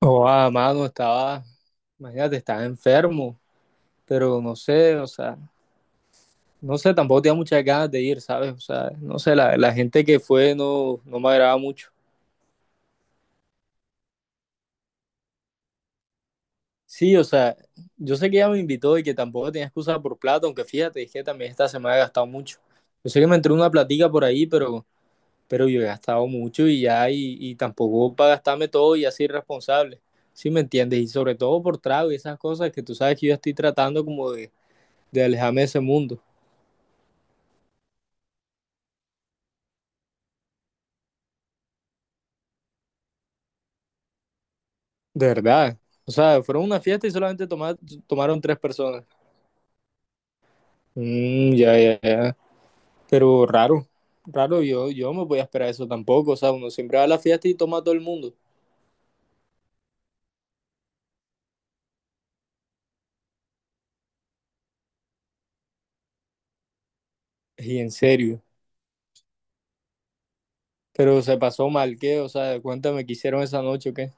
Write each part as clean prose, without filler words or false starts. Oh, amado, estaba, imagínate, estaba enfermo, pero no sé, o sea, no sé, tampoco tenía muchas ganas de ir, ¿sabes? O sea, no sé, la gente que fue no me agradaba mucho. Sí, o sea, yo sé que ella me invitó y que tampoco tenía excusa por plata, aunque fíjate, es que también esta semana he gastado mucho. Yo sé que me entró una platica por ahí, pero yo he gastado mucho y ya, y tampoco para gastarme todo y así irresponsable, ¿sí me entiendes? Y sobre todo por trago y esas cosas que tú sabes que yo estoy tratando como de alejarme de ese mundo. De verdad. O sea, fueron a una fiesta y solamente tomaron tres personas. Mm, ya, ya, ya. Pero raro, raro, yo no me voy a esperar eso tampoco. O sea, uno siempre va a la fiesta y toma a todo el mundo. Y en serio. Pero se pasó mal, ¿qué? O sea, cuéntame qué hicieron esa noche, o ¿qué?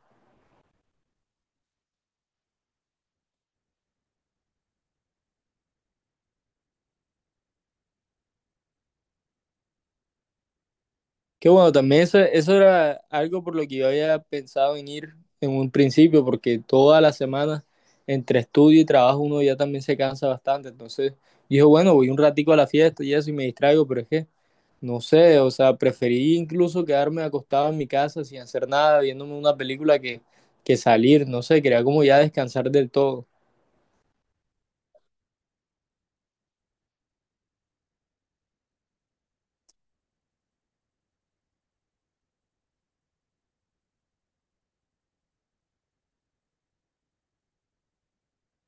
Que bueno, también eso era algo por lo que yo había pensado en ir en un principio, porque toda la semana entre estudio y trabajo uno ya también se cansa bastante. Entonces, dijo, bueno, voy un ratico a la fiesta y eso y me distraigo, pero es que no sé, o sea, preferí incluso quedarme acostado en mi casa sin hacer nada, viéndome una película que salir, no sé, quería como ya descansar del todo.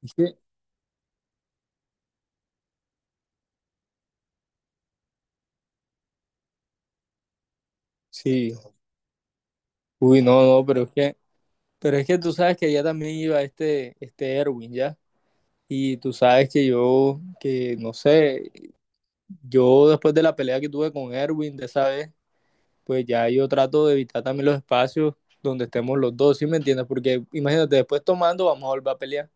Es que- Sí, uy, no, no, pero es que tú sabes que allá también iba este Erwin, ¿ya? Y tú sabes que yo, que no sé, yo después de la pelea que tuve con Erwin de esa vez, pues ya yo trato de evitar también los espacios donde estemos los dos, ¿sí me entiendes? Porque imagínate, después tomando vamos a volver a pelear.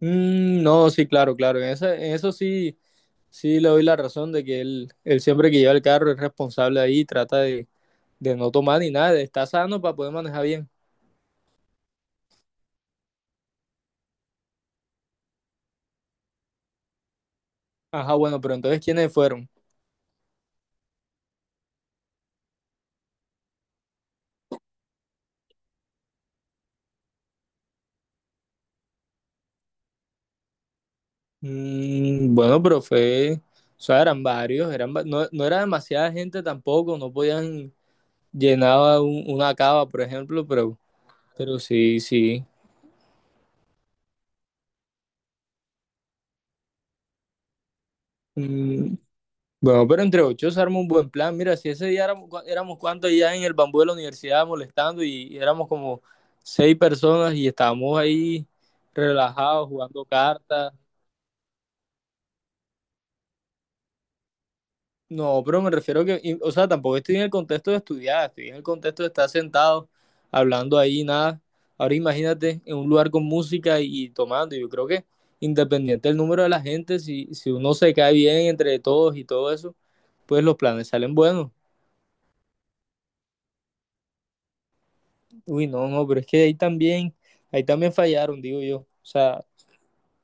Mm, no, sí, claro, claro. En eso sí, sí le doy la razón de que él siempre que lleva el carro es responsable ahí, trata de no tomar ni nada, está sano para poder manejar bien. Ajá, bueno, pero entonces ¿quiénes fueron? Mm, bueno, pero fue, o sea, eran varios, no, no era demasiada gente tampoco, no podían llenar una cava, por ejemplo, pero sí, sí. Mm, bueno, pero entre ocho se arma un buen plan. Mira, si ese día éramos, éramos cuantos allá en el bambú de la universidad molestando y éramos como seis personas y estábamos ahí relajados jugando cartas. No, pero me refiero que, o sea, tampoco estoy en el contexto de estudiar, estoy en el contexto de estar sentado hablando ahí, nada. Ahora imagínate en un lugar con música y tomando. Yo creo que independiente del número de la gente, si uno se cae bien entre todos y todo eso, pues los planes salen buenos. Uy, no, no, pero es que ahí también fallaron, digo yo. O sea,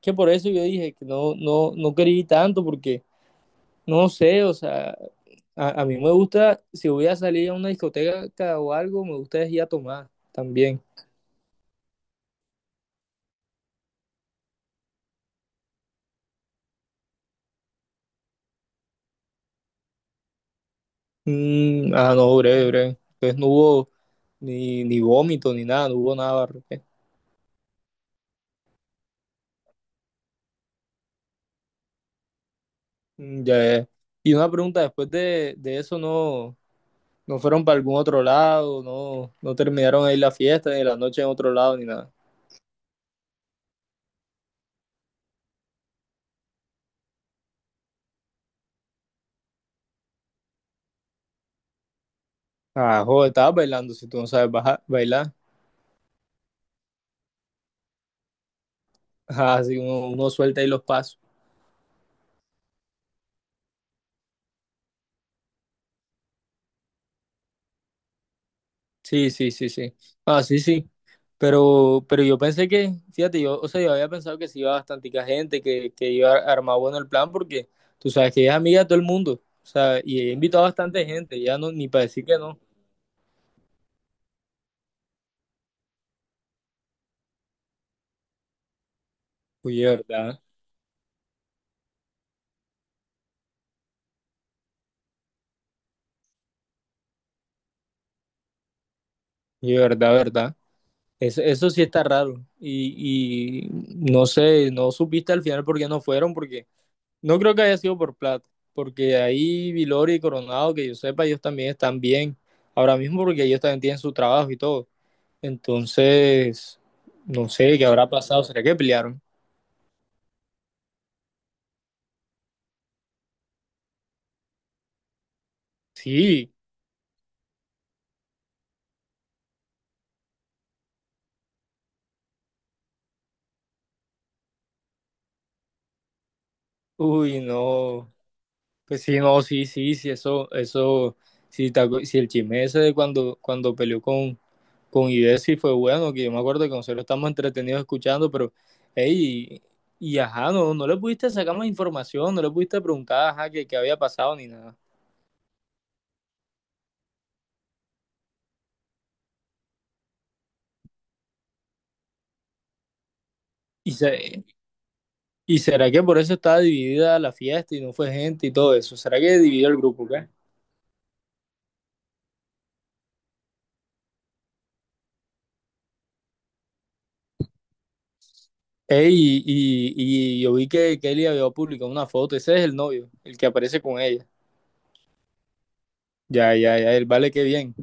que por eso yo dije que no, no, no quería ir tanto, porque no sé, o sea, a mí me gusta, si voy a salir a una discoteca o algo, me gusta es ir a tomar también. Mm, ah, no, breve, breve. Entonces no hubo ni, ni vómito ni nada, no hubo nada, Barrote. Mm, ya, ya. Y una pregunta, después de eso no, no fueron para algún otro lado, no, no terminaron ahí la fiesta, ni la noche en otro lado, ni nada. Ah, joder, estabas bailando si tú no sabes bailar. Ajá, así uno, uno suelta ahí los pasos. Sí, sí, sí, sí. Ah, sí, sí. Pero yo pensé que, fíjate, yo, o sea, yo había pensado que sí iba bastante gente, que iba a armar bueno el plan, porque tú sabes que ella es amiga de todo el mundo. O sea, y ella invitó a bastante gente, ya no, ni para decir que no. Oye, verdad, oye, verdad, verdad. Eso sí está raro. Y no sé, no supiste al final por qué no fueron, porque no creo que haya sido por plata, porque ahí Vilori y Coronado, que yo sepa, ellos también están bien ahora mismo porque ellos también tienen su trabajo y todo. Entonces, no sé qué habrá pasado, ¿será que pelearon? Sí, uy, no. Pues sí, no, sí, sí, sí, eso, sí, sí, el chisme ese de cuando, cuando peleó con Idesi fue bueno, que yo me acuerdo que nosotros estamos entretenidos escuchando, pero, hey, y ajá, no, no le pudiste sacar más información, no le pudiste preguntar, ajá, qué, qué había pasado ni nada. Y, se- y será que por eso estaba dividida la fiesta y no fue gente y todo eso, será que dividió el grupo, ¿qué? Ey, y, y yo vi que Kelly había publicado una foto, ese es el novio, el que aparece con ella. Ya, ya, ya, el vale, qué bien.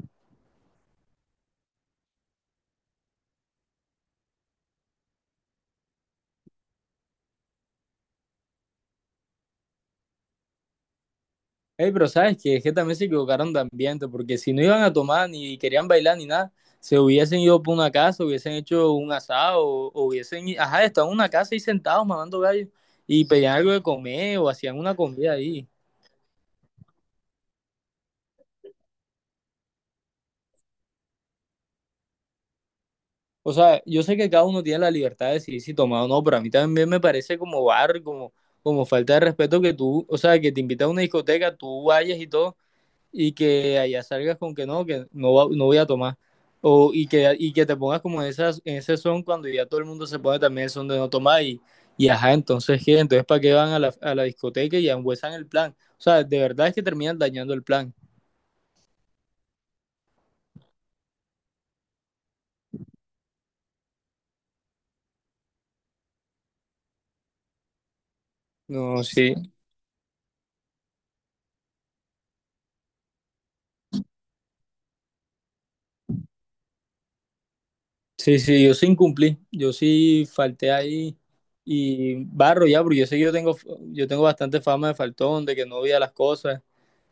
Ey, pero sabes que es que también se equivocaron de ambiente, porque si no iban a tomar ni querían bailar ni nada, se hubiesen ido por una casa, hubiesen hecho un asado, o hubiesen, ajá, estaban en una casa ahí sentados mamando gallo y pedían algo de comer o hacían una comida ahí. O sea, yo sé que cada uno tiene la libertad de decidir si tomar o no, pero a mí también me parece como barrio, como, como falta de respeto que tú, o sea, que te invitan a una discoteca, tú vayas y todo y que allá salgas con que no, no voy a tomar. Y que te pongas como en ese son cuando ya todo el mundo se pone también el son de no tomar y ajá, entonces ¿qué? Entonces ¿para qué van a a la discoteca y ambuesan el plan? O sea, de verdad es que terminan dañando el plan. No, sí, sí, sí, yo sí incumplí, yo sí falté ahí y barro ya, porque yo sé que yo tengo bastante fama de faltón, de que no veía las cosas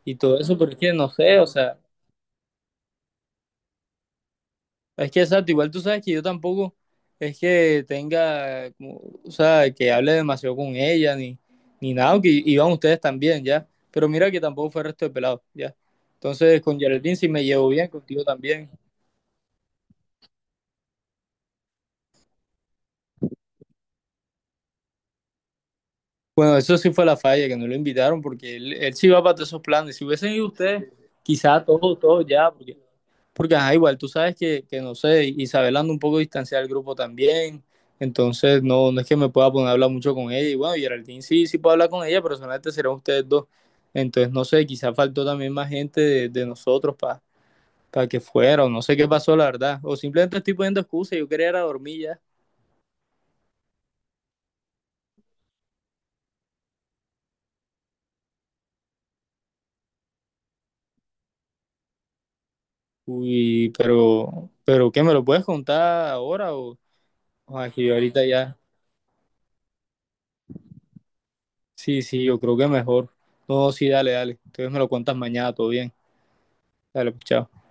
y todo eso, pero es que no sé, o sea. Es que exacto, igual tú sabes que yo tampoco es que tenga, como, o sea, que hable demasiado con ella, ni nada, que iban ustedes también, ¿ya? Pero mira que tampoco fue el resto de pelados, ¿ya? Entonces, con Geraldine sí me llevo bien, contigo también. Bueno, eso sí fue la falla, que no lo invitaron, porque él sí va para todos esos planes. Si hubiesen ido ustedes, quizá todos, todos ya, porque porque, ajá, igual, tú sabes que no sé, Isabel anda un poco distanciada del grupo también, entonces no, no es que me pueda poner a hablar mucho con ella. Y bueno, Geraldine sí, sí puedo hablar con ella, pero solamente serán ustedes dos. Entonces, no sé, quizás faltó también más gente de nosotros para que fuera, o no sé qué pasó, la verdad. O simplemente estoy poniendo excusas, yo quería ir a dormir ya. Uy, pero ¿qué me lo puedes contar ahora o aquí ahorita ya? Sí, sí, yo creo que mejor. No, sí, dale, dale. Entonces me lo cuentas mañana, todo bien. Dale, pues, chao.